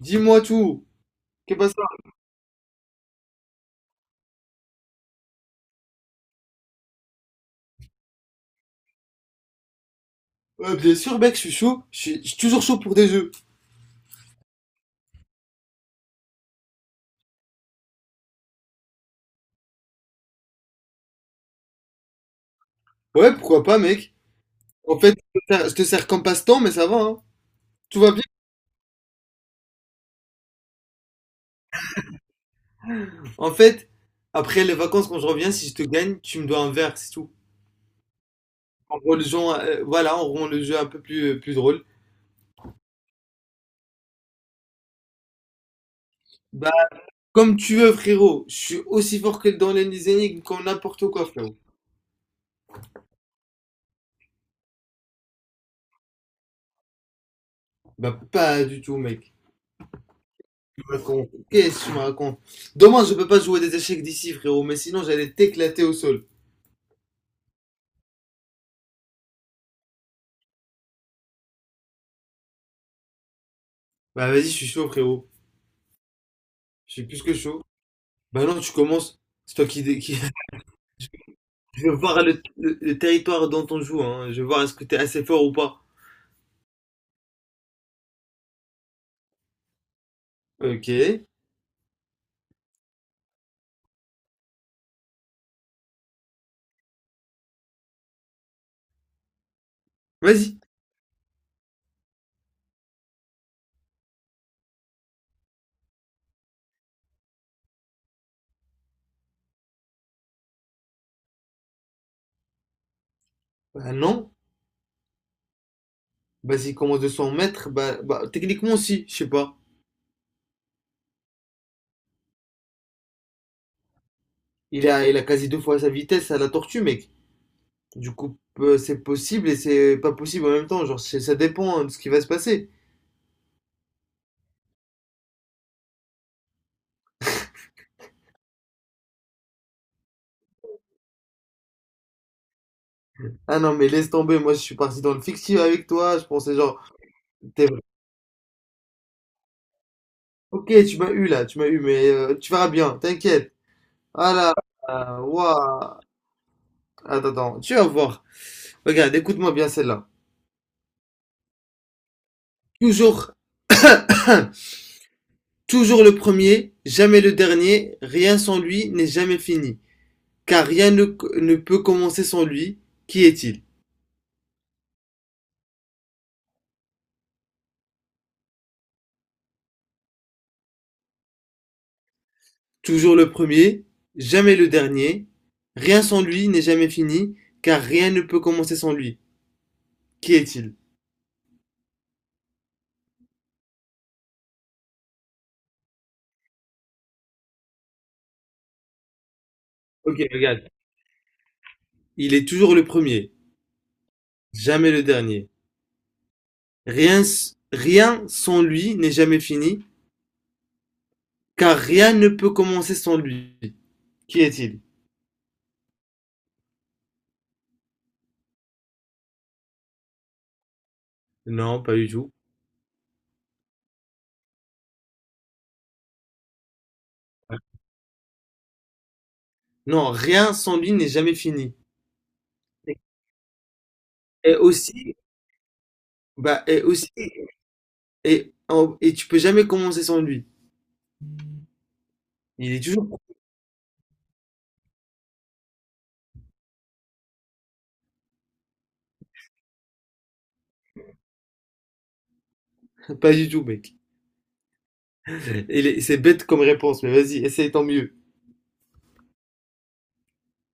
Dis-moi tout. Qu'est-ce que ça? Bien sûr, mec, je suis chaud. Je suis toujours chaud pour des jeux. Ouais, pourquoi pas, mec? En fait, je te sers comme passe-temps, mais ça va, hein. Tout va bien. En fait, après les vacances, quand je reviens, si je te gagne, tu me dois un verre, c'est tout. En rend le jeu, voilà, on rend le jeu un peu plus, plus drôle. Bah, comme tu veux, frérot. Je suis aussi fort que dans les énigmes, comme n'importe quoi, frérot. Bah, pas du tout, mec. Tu me racontes. Qu'est-ce que tu me racontes? Demain, je peux pas jouer des échecs d'ici, frérot, mais sinon, j'allais t'éclater au sol. Bah vas-y, je suis chaud, frérot. Je suis plus que chaud. Bah non, tu commences. C'est toi qui, dé- qui... Je veux voir le territoire dont on joue, hein. Je veux voir est-ce que t'es assez fort ou pas. Ok. Vas-y. Bah non. Vas-y, commence de 100 mètres, bah, bah techniquement si, je sais pas. Il a quasi 2 fois sa vitesse à la tortue, mec. Du coup, c'est possible et c'est pas possible en même temps. Ça dépend hein, de ce qui va se passer. Ah non, mais laisse tomber. Moi, je suis parti dans le fictif avec toi. Je pensais genre, t'es... Ok, tu m'as eu, mais tu verras bien, t'inquiète. Ah là là, waouh. Attends, attends, tu vas voir. Regarde, écoute-moi bien celle-là. Toujours, toujours le premier, jamais le dernier, rien sans lui n'est jamais fini. Car rien ne, ne peut commencer sans lui. Qui est-il? Toujours le premier, jamais le dernier, rien sans lui n'est jamais fini. Car rien ne peut commencer sans lui. Qui est-il? Ok, regarde. Il est toujours le premier, jamais le dernier. Rien sans lui n'est jamais fini. Car rien ne peut commencer sans lui. Qui est-il? Non, pas du tout. Non, rien sans lui n'est jamais fini. Et aussi, bah, et aussi, et tu peux jamais commencer sans lui. Il est toujours. Pas du tout, mec. C'est bête comme réponse, mais vas-y, essaye tant mieux.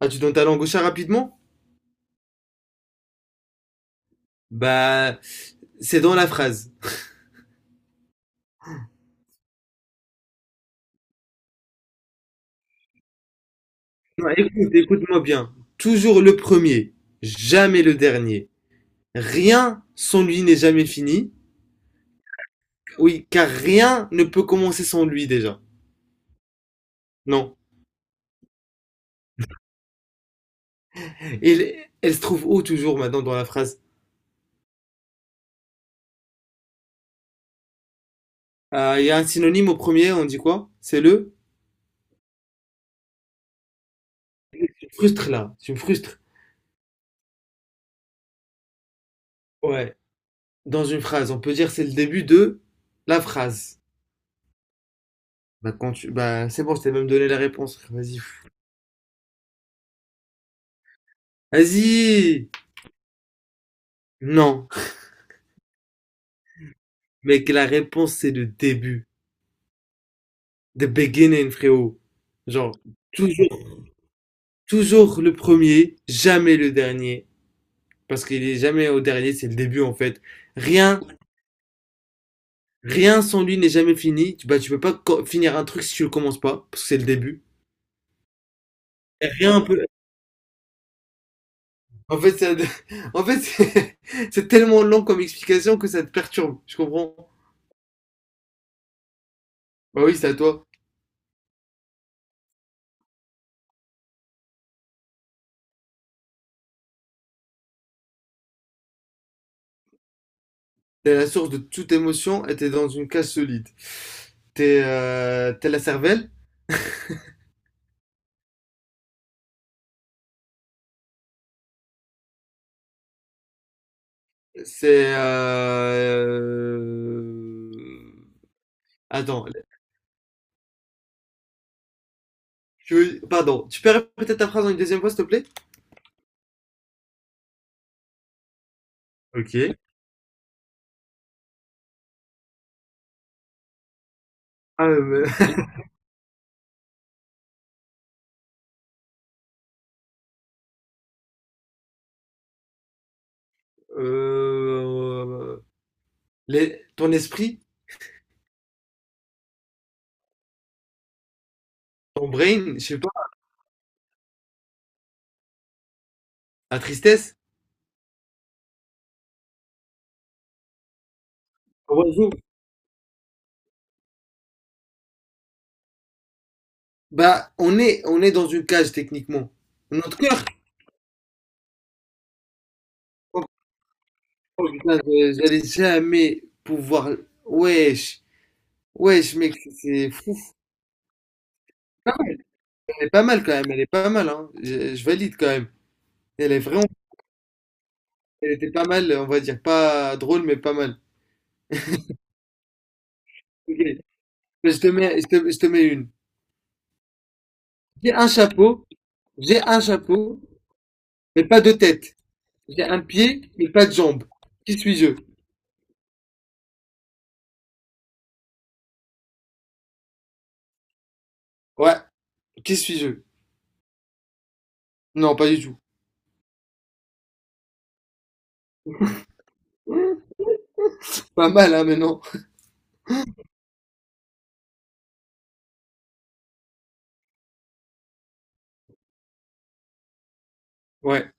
Ah, tu donnes ta langue au chat rapidement? Bah, c'est dans la phrase. Non, écoute, écoute-moi bien. Toujours le premier, jamais le dernier. Rien sans lui n'est jamais fini. Oui, car rien ne peut commencer sans lui déjà. Non. Et elle se trouve où toujours maintenant dans la phrase. Il y a un synonyme au premier, on dit quoi? C'est le... Tu me frustres là, tu me frustres. Ouais, dans une phrase, on peut dire c'est le début de la phrase. Bah quand tu, bah c'est bon, je t'ai même donné la réponse. Frère, vas-y. Vas-y. Non, mec, la réponse c'est le début, the beginning, frérot. Genre toujours toujours le premier, jamais le dernier. Parce qu'il est jamais au dernier, c'est le début en fait. Rien, rien sans lui n'est jamais fini. Tu, bah, tu peux pas co- finir un truc si tu le commences pas, parce que c'est le début. Et rien peut. En fait, ça... en fait, c'est c'est tellement long comme explication que ça te perturbe. Je comprends. Bah oui, c'est à toi. T'es la source de toute émotion et t'es dans une cage solide. T'es t'es la cervelle. C'est attends. Pardon. Tu peux répéter ta phrase en une deuxième fois, s'il te plaît? Ok. Ah, mais- euh, ton esprit, ton brain, je sais pas, la tristesse, l'oiseau, bah, on est dans une cage techniquement. Notre cœur, quand on est j'allais jamais pouvoir. Wesh, wesh, mec, c'est fou. Pas mal, elle est pas mal quand même, elle est pas mal, hein. Je valide quand même. Elle est vraiment, elle était pas mal, on va dire, pas drôle, mais pas mal. Ok, je te mets une. J'ai un chapeau, j'ai un chapeau, mais pas de tête. J'ai un pied, mais pas de jambe. Qui suis-je? Ouais. Qui suis-je? Non, pas du tout. Pas mal, hein, mais non. Ouais.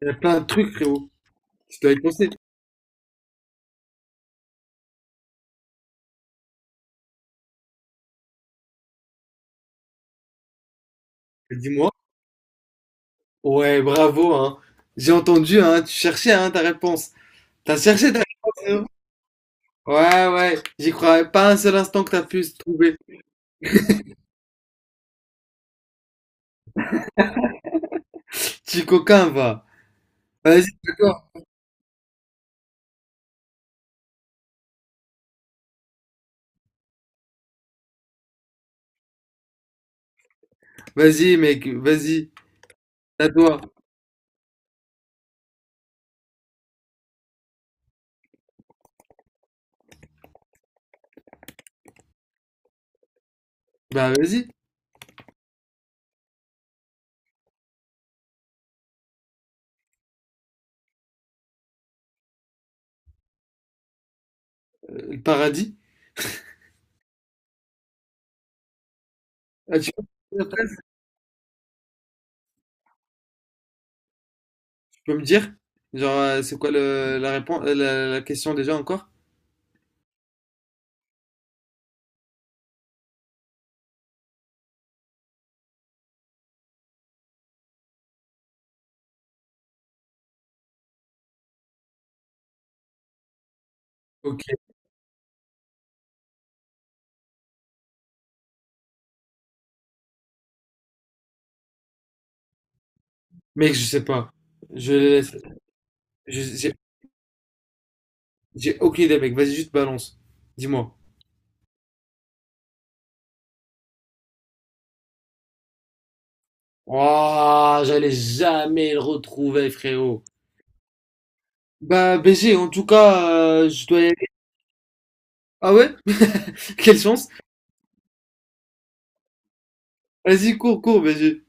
Il y a plein de trucs, frérot. Tu dois y penser. Dis-moi. Ouais, bravo, hein. J'ai entendu, hein. Tu cherchais, hein, ta réponse. T'as cherché ta réponse, frérot. Ouais, ouais. J'y croyais pas un seul instant que t'as pu se trouver. Petit coquin, va. Vas-y, d'accord. Vas-y, mec. Vas-y. À toi. Bah, vas-y. Le paradis. Ah, tu peux me dire? Genre, c'est quoi la réponse, la question déjà encore? Ok, mec, je sais pas. Je les laisse. Je- J'ai j'ai aucune idée, mec. Vas-y, juste balance. Dis-moi. Ouah, j'allais jamais le retrouver, frérot. Bah, BG, en tout cas, je dois y aller. Ah ouais? Quelle chance. Vas-y, cours, cours, BG.